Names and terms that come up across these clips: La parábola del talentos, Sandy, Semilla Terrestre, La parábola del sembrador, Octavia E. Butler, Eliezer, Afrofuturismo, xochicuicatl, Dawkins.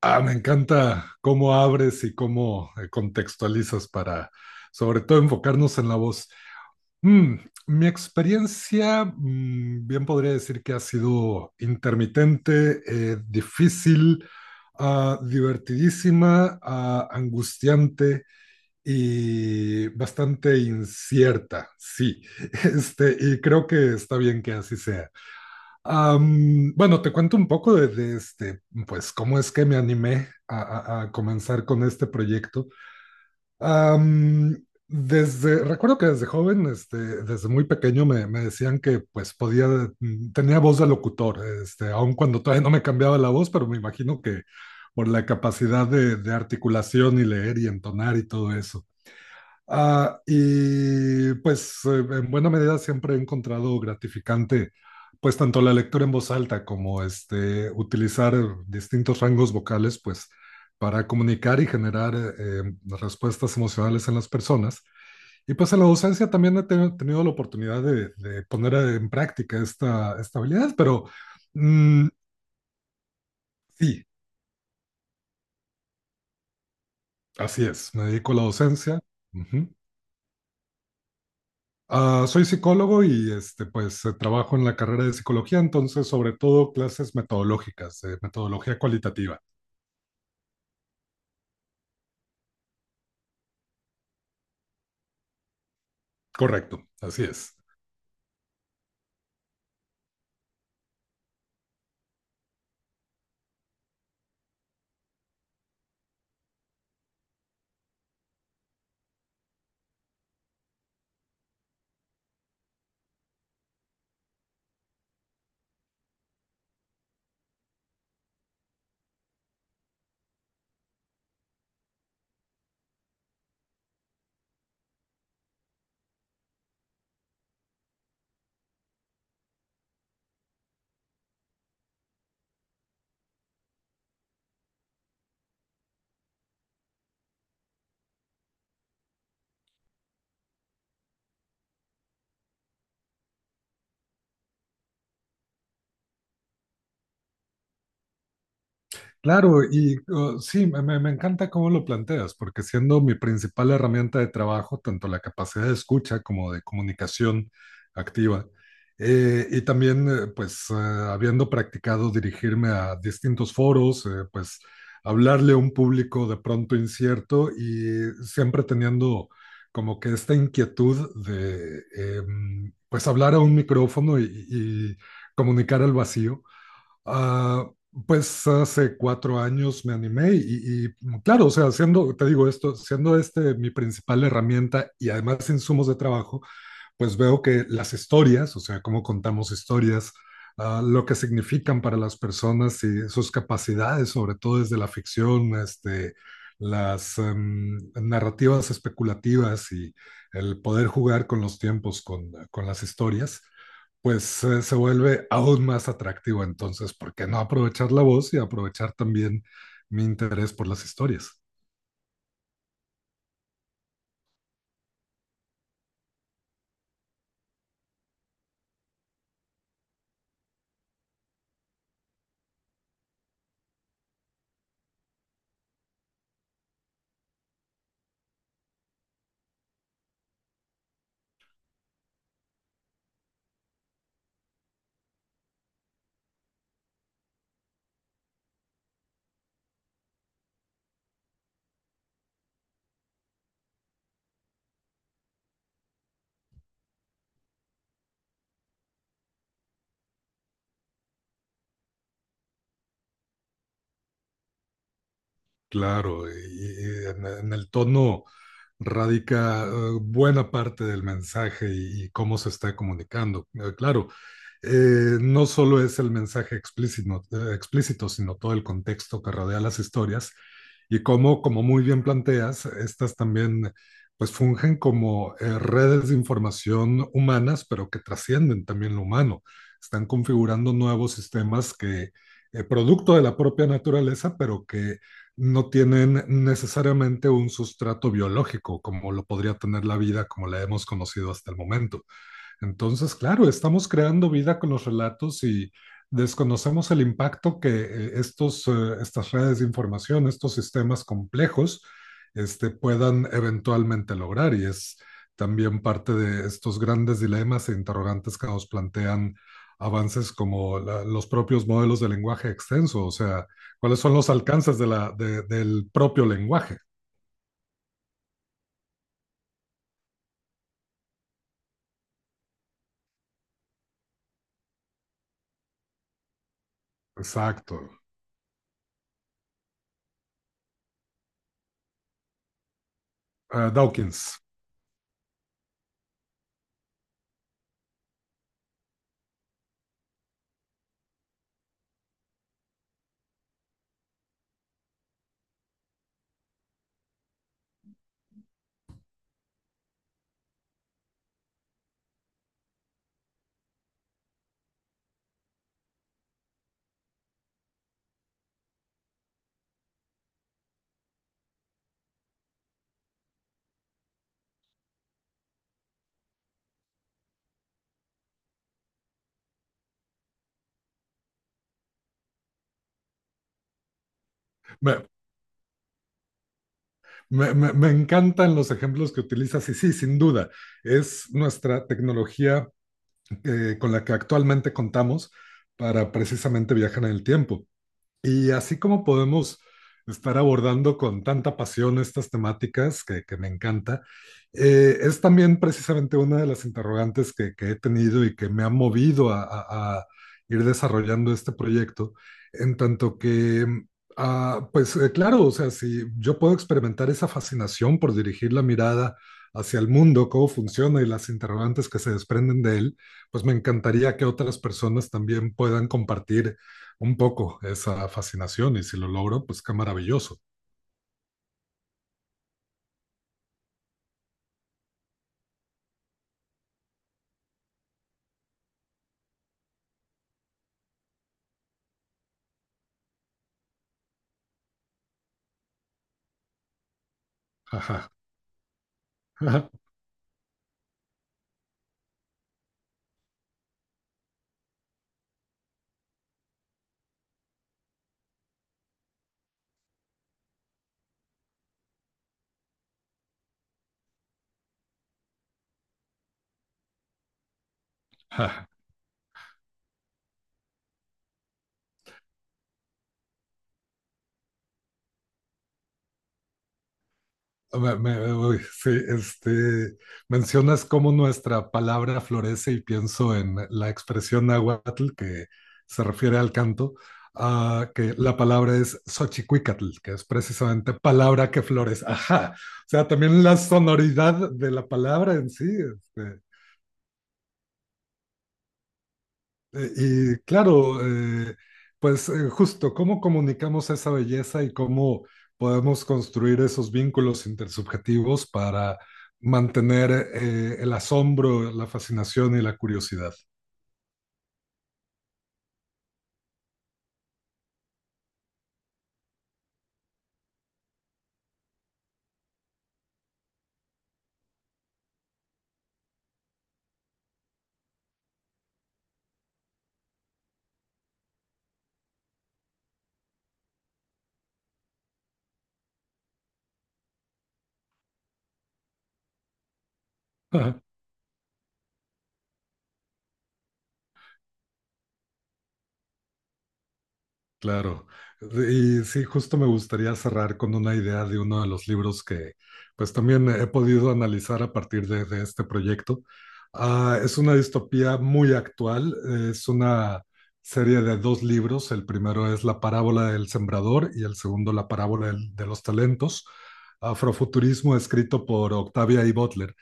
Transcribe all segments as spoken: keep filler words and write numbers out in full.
Ah, me encanta cómo abres y cómo eh, contextualizas para, sobre todo, enfocarnos en la voz. Mm, mi experiencia, mm, bien podría decir que ha sido intermitente, eh, difícil, ah, divertidísima, ah, angustiante y bastante incierta, sí. Este, y creo que está bien que así sea. Am, bueno, te cuento un poco de, de este, pues, cómo es que me animé a, a- a comenzar con este proyecto. Am, Desde, recuerdo que desde joven, este, desde muy pequeño me, me decían que, pues, podía, mm, tenía voz de locutor, este, aun cuando todavía no me cambiaba la voz, pero me imagino que por la capacidad de, de articulación y leer y entonar y todo eso. Ah, y pues eh, en buena medida siempre he encontrado gratificante pues tanto la lectura en voz alta como este utilizar distintos rangos vocales pues para comunicar y generar eh, respuestas emocionales en las personas. Y pues en la docencia también he teni- tenido la oportunidad de, de poner en práctica esta, esta habilidad, pero mm, sí, así es, me dedico a la docencia. Ujú. Ah, soy psicólogo y este, pues eh, trabajo en la carrera de psicología, entonces sobre todo clases metodológicas, de metodología cualitativa. Correcto, así es. Claro, y uh, sí, me, me- me encanta cómo lo planteas, porque siendo mi principal herramienta de trabajo, tanto la capacidad de escucha como de comunicación activa, eh, y también, eh, pues, eh, habiendo practicado dirigirme a distintos foros, eh, pues, hablarle a un público de pronto incierto y siempre teniendo como que esta inquietud de, em, pues, hablar a un micrófono y y comunicar al vacío. Ah, pues hace cuatro años me animé y, y, mm, claro, o sea, siendo, te digo esto, siendo este mi principal herramienta y además insumos de trabajo, pues veo que las historias, o sea, cómo contamos historias, uh, lo que significan para las personas y sus capacidades, sobre todo desde la ficción, este, las um, narrativas especulativas y el poder jugar con los tiempos, con, con las historias, pues eh, se vuelve aún más atractivo. Entonces, ¿por qué no aprovechar la voz y aprovechar también mi interés por las historias? Claro, y, y en, en el tono radica eh, buena parte del mensaje y, y cómo se está comunicando. Eh, claro, eh, no solo es el mensaje explícito, eh, explícito, sino todo el contexto que rodea las historias y cómo, como muy bien planteas, estas también pues fungen como eh, redes de información humanas, pero que trascienden también lo humano. Están configurando nuevos sistemas que, eh, producto de la propia naturaleza, pero que no tienen necesariamente un sustrato biológico como lo podría tener la vida como la hemos conocido hasta el momento. Entonces, claro, estamos creando vida con los relatos y desconocemos el impacto que eh, estos, eh, estas redes de información, estos sistemas complejos, este, puedan eventualmente lograr. Y es también parte de estos grandes dilemas e interrogantes que nos plantean avances como la- los propios modelos de lenguaje extenso, o sea, cuáles son los alcances de la, de- del propio lenguaje. Exacto. Ah, Dawkins. Me, Me, me- me encantan los ejemplos que utilizas y sí, sin duda, es nuestra tecnología eh, con la que actualmente contamos para precisamente viajar en el tiempo. Y así como podemos estar abordando con tanta pasión estas temáticas que, que me encanta, eh, es también precisamente una de las interrogantes que, que he tenido y que me ha movido a, a- a ir desarrollando este proyecto, en tanto que, mm, ah, pues eh, claro, o sea, si yo puedo experimentar esa fascinación por dirigir la mirada hacia el mundo, cómo funciona y las interrogantes que se desprenden de él, pues me encantaría que otras personas también puedan compartir un poco esa fascinación y si lo logro, pues qué maravilloso. Ajá, ajá, ajá. Me- me- uy, sí, este, mencionas cómo nuestra palabra florece y pienso en la expresión náhuatl que se refiere al canto, ah, que la palabra es xochicuicatl, que es precisamente palabra que florece. Ajá. O sea, también la sonoridad de la palabra en sí, este, Eh, Y claro, eh, pues eh, justo, ¿cómo comunicamos esa belleza y cómo podemos construir esos vínculos intersubjetivos para mantener eh, el asombro, la fascinación y la curiosidad? Claro, y sí, justo me gustaría cerrar con una idea de uno de los libros que pues también he podido analizar a partir de, de este proyecto. Ah, es una distopía muy actual, es una serie de dos libros, el primero es La Parábola del Sembrador y el segundo La Parábola del- de los Talentos, afrofuturismo escrito por Octavia E. Butler,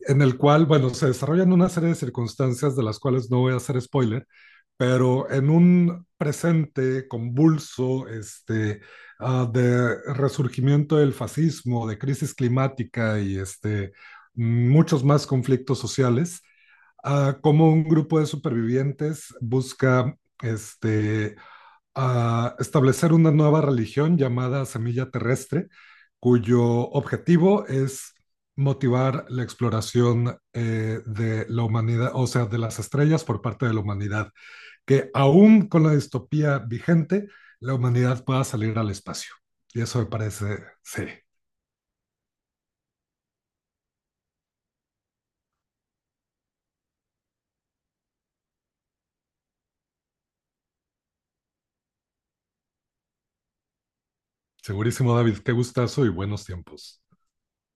en el cual, bueno, se desarrollan una serie de circunstancias de las cuales no voy a hacer spoiler, pero en un presente convulso este, uh, de resurgimiento del fascismo, de crisis climática y este, muchos más conflictos sociales, uh, como un grupo de supervivientes busca este, a establecer una nueva religión llamada Semilla Terrestre, cuyo objetivo es motivar la exploración eh, de la humanidad, o sea, de las estrellas por parte de la humanidad, que aún con la distopía vigente, la humanidad pueda salir al espacio. Y eso me parece, sí, segurísimo David, qué gustazo y buenos tiempos.